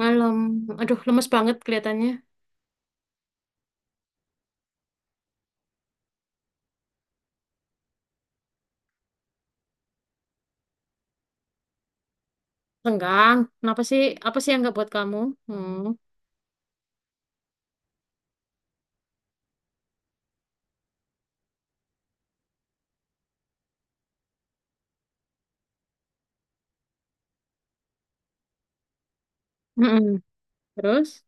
Malam. Aduh, lemes banget kelihatannya. Renggang. Kenapa sih? Apa sih yang nggak buat kamu? Hmm. Mm-mm. Terus?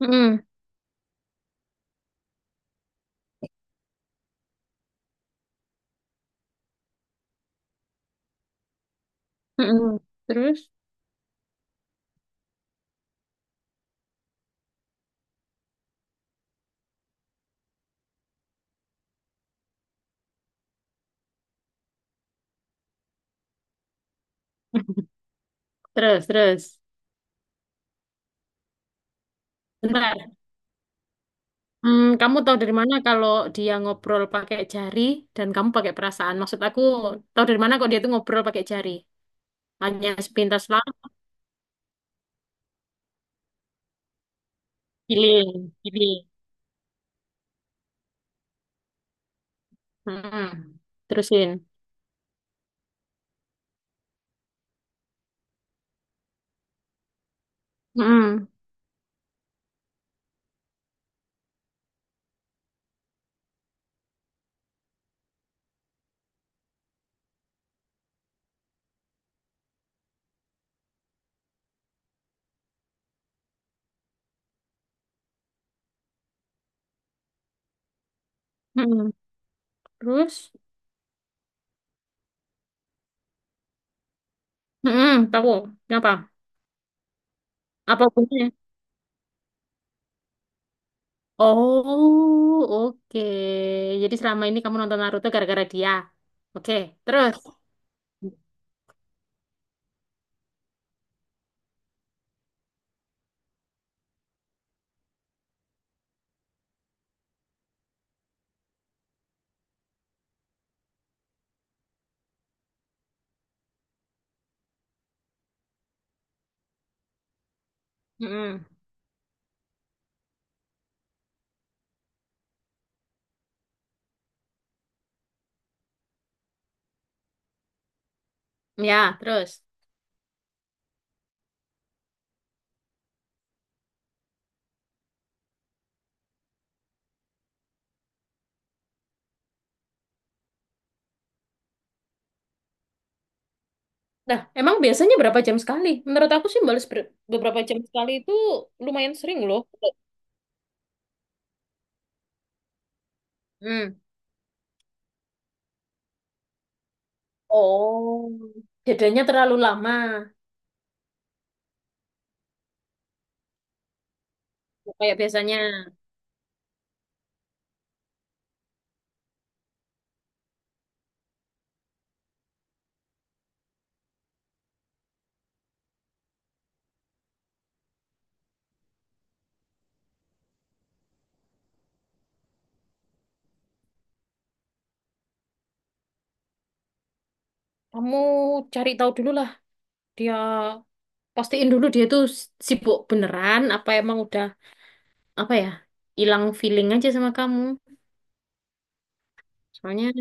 Mm-mm. Mm-mm. Terus? Terus, terus. Bentar. Hmm, kamu tahu dari mana kalau dia ngobrol pakai jari dan kamu pakai perasaan? Maksud aku, tahu dari mana kok dia tuh ngobrol pakai jari? Hanya sepintas lah, feeling, feeling. Mm-mm. Terusin. Mm-mm. Mm-mm. Terus? Mm-mm. Tahu. Kenapa? Apa punya? Oh, oke. Jadi selama ini kamu nonton Naruto gara-gara dia. Oke, terus. Mm-mm. Ya, terus. Nah, emang biasanya berapa jam sekali? Menurut aku sih balas beberapa jam sekali itu lumayan sering loh. Hmm. Oh, jedanya terlalu lama. Kayak biasanya. Kamu cari tahu dulu lah. Dia pastiin dulu dia tuh sibuk beneran apa emang udah apa ya? Hilang feeling aja sama kamu. Soalnya,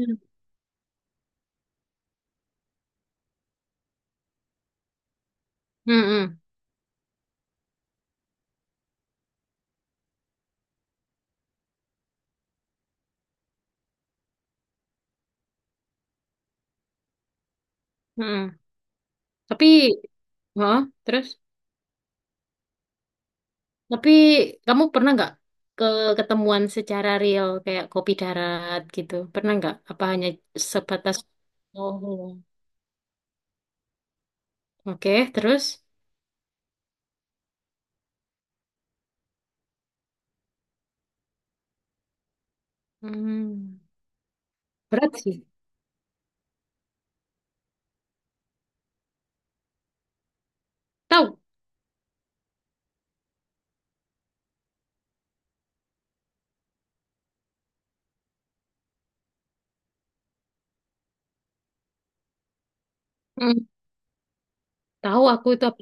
mm Mm-mm. Tapi, heeh, terus? Tapi kamu pernah nggak ke ketemuan secara real kayak kopi darat gitu? Pernah nggak? Apa hanya sebatas? Oh, oke. Terus? Hmm, berat sih. Tahu? Hmm, tahu aku itu apa?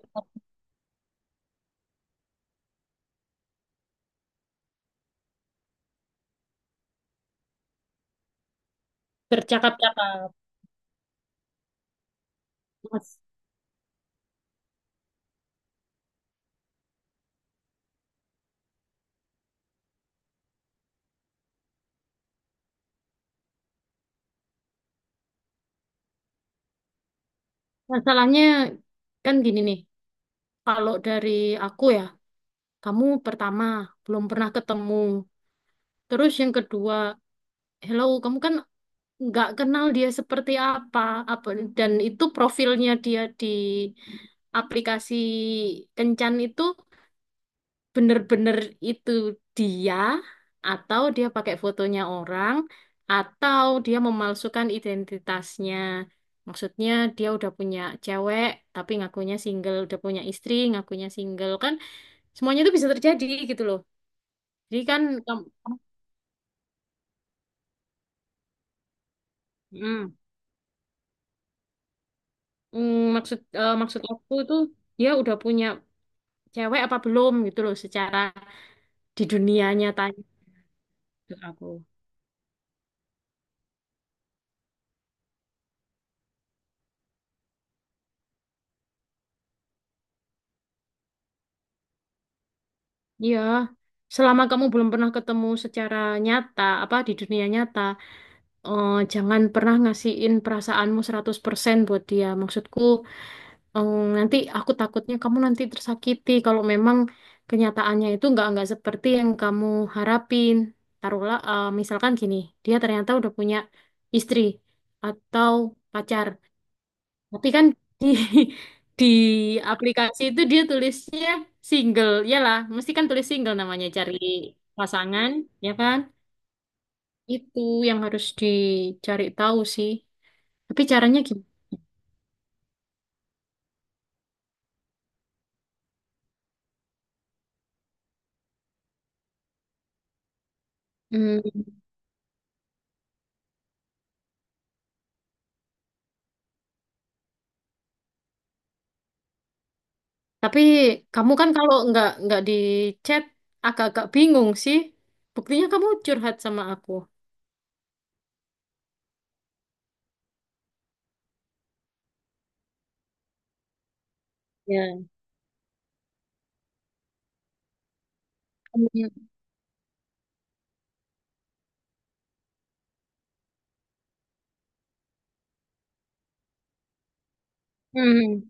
Bercakap-cakap. Mas, masalahnya kan gini nih. Kalau dari aku ya, kamu pertama belum pernah ketemu. Terus yang kedua, hello, kamu kan nggak kenal dia seperti apa, apa dan itu profilnya dia di aplikasi Kencan itu bener-bener itu dia atau dia pakai fotonya orang atau dia memalsukan identitasnya. Maksudnya dia udah punya cewek tapi ngakunya single, udah punya istri ngakunya single kan semuanya itu bisa terjadi gitu loh. Jadi kan kamu- Mm. Mm, maksud aku itu dia udah punya cewek apa belum gitu loh secara di dunia nyata gitu aku. Iya, selama kamu belum pernah ketemu secara nyata, apa di dunia nyata, jangan pernah ngasihin perasaanmu 100% buat dia. Maksudku, nanti aku takutnya kamu nanti tersakiti kalau memang kenyataannya itu nggak seperti yang kamu harapin. Taruhlah, misalkan gini, dia ternyata udah punya istri atau pacar. Tapi kan di di aplikasi itu dia tulisnya single. Iyalah, mesti kan tulis single namanya cari pasangan, ya kan? Itu yang harus dicari tahu sih. Tapi caranya gimana? Hmm, tapi kamu kan kalau nggak di chat agak-agak bingung sih. Buktinya kamu curhat sama aku. Ya. Kamu- Hmm.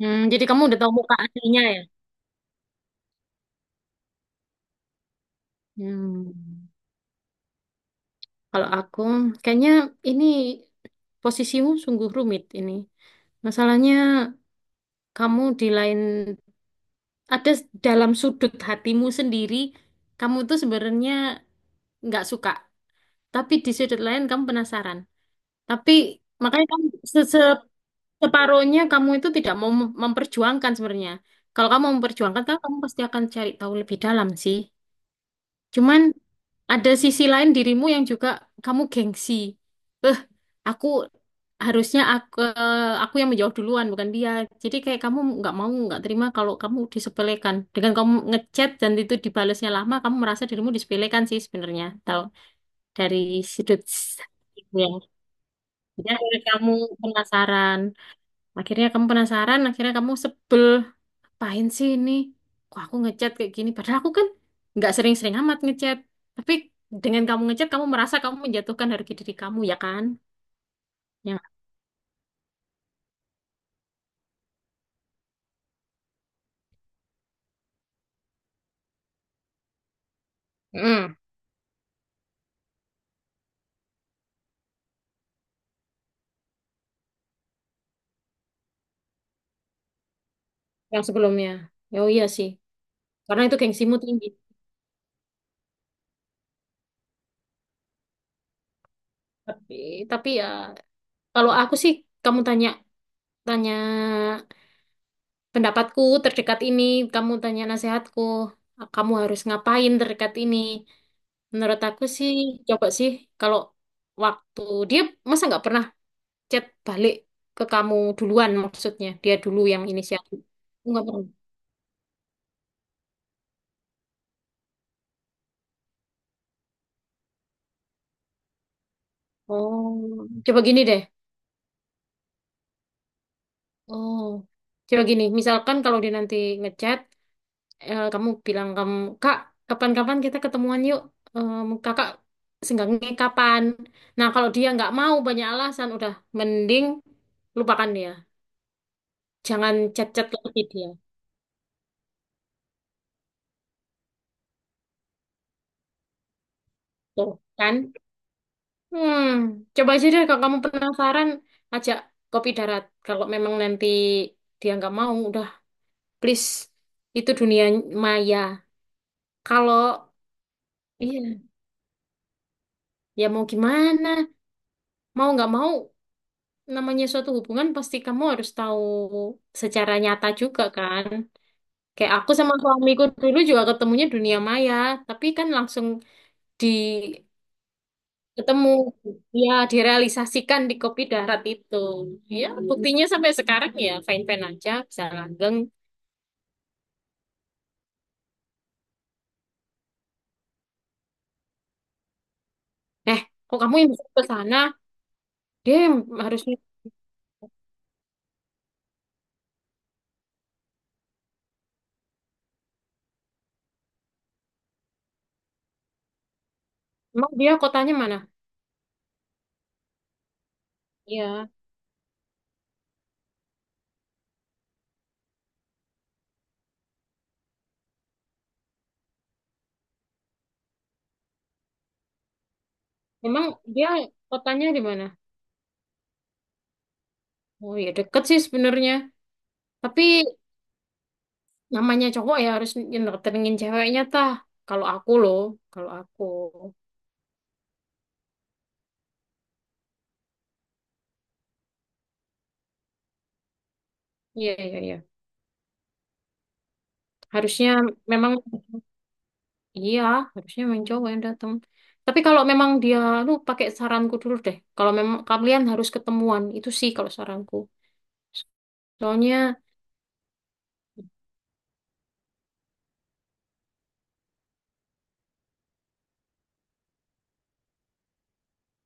Hmm, jadi kamu udah tahu muka aslinya ya? Hmm. Kalau aku, kayaknya ini posisimu sungguh rumit ini. Masalahnya kamu di lain, ada dalam sudut hatimu sendiri, kamu tuh sebenarnya nggak suka. Tapi di sudut lain kamu penasaran. Tapi makanya kamu se- se- separohnya kamu itu tidak mau memperjuangkan sebenarnya. Kalau kamu memperjuangkan, kan kamu pasti akan cari tahu lebih dalam sih. Cuman ada sisi lain dirimu yang juga kamu gengsi. Aku harusnya aku yang menjawab duluan bukan dia. Jadi kayak kamu nggak mau nggak terima kalau kamu disepelekan. Dengan kamu ngechat dan itu dibalasnya lama, kamu merasa dirimu disepelekan sih sebenarnya. Tahu dari sudut itu ya. Jadi akhirnya kamu penasaran. Akhirnya kamu penasaran, akhirnya kamu sebel. Pahin sih ini? Kok aku ngechat kayak gini? Padahal aku kan nggak sering-sering amat ngechat. Tapi dengan kamu ngechat, kamu merasa kamu menjatuhkan harga diri kamu ya kan? Ya. Yang sebelumnya. Ya, oh iya sih, karena itu gengsimu tinggi. Tapi, tapi ya, kalau aku sih, kamu tanya, tanya pendapatku terdekat ini, kamu tanya nasihatku, kamu harus ngapain terdekat ini. Menurut aku sih, coba sih, kalau waktu dia masa nggak pernah chat balik ke kamu duluan maksudnya, dia dulu yang inisiatif. Nggak pernah. Oh, coba gini deh. Oh, coba gini. Misalkan kalau dia nanti ngechat, eh, kamu bilang kamu kak, kapan-kapan kita ketemuan yuk. Em, kakak senggangnya kapan? Nah kalau dia nggak mau banyak alasan udah, mending lupakan dia, jangan chat-chat lagi dia. Tuh kan. Hmm, coba aja deh kalau kamu penasaran, ajak kopi darat. Kalau memang nanti dia nggak mau udah, please, itu dunia maya. Kalau iya, ya mau gimana, mau nggak mau namanya suatu hubungan pasti kamu harus tahu secara nyata juga kan. Kayak aku sama suamiku dulu juga ketemunya dunia maya, tapi kan langsung di ketemu ya direalisasikan di kopi darat itu. Ya, buktinya sampai sekarang ya fine-fine aja, bisa langgeng. Eh, kok kamu yang bisa ke sana? Dia yang harusnya. Emang dia kotanya mana? Ya, emang dia kotanya di mana? Oh ya deket sih sebenarnya. Tapi namanya cowok ya harus ngedatengin ceweknya tah. Kalau aku loh, kalau aku. Iya, iya, iya. Harusnya memang, iya, harusnya memang cowok yang datang. Tapi kalau memang dia, lu pakai saranku dulu deh. Kalau memang kalian harus ketemuan, itu sih kalau saranku. Soalnya,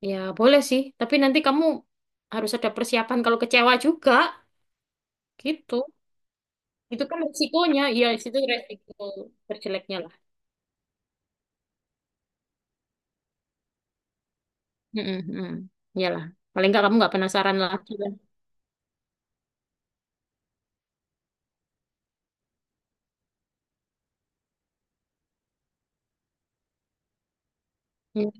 ya boleh sih. Tapi nanti kamu harus ada persiapan kalau kecewa juga, gitu. Itu kan resikonya, iya, itu resiko terjeleknya lah. Mm-mm, mm. Iyalah. Paling nggak kamu nggak penasaran lagi lah. Iya.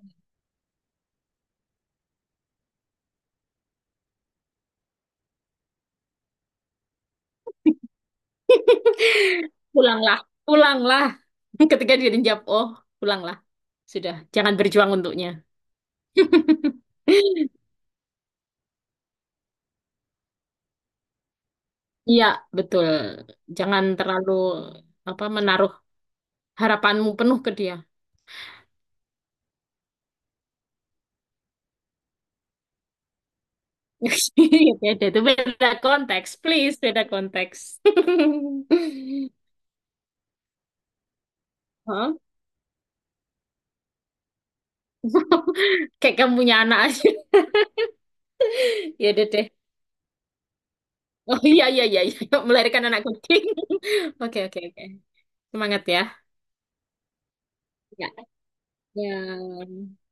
Pulanglah, pulanglah. Ketika dia dijawab, oh, pulanglah. Sudah, jangan berjuang untuknya. Iya, betul. Jangan terlalu apa menaruh harapanmu penuh ke dia. Beda, itu beda konteks, please, beda konteks. Hah? Kayak kamu punya anak aja. Ya udah deh. Oh iya iya iya, iya. Melahirkan anak kucing. Oke oke oke. Semangat ya. Ya. Ya.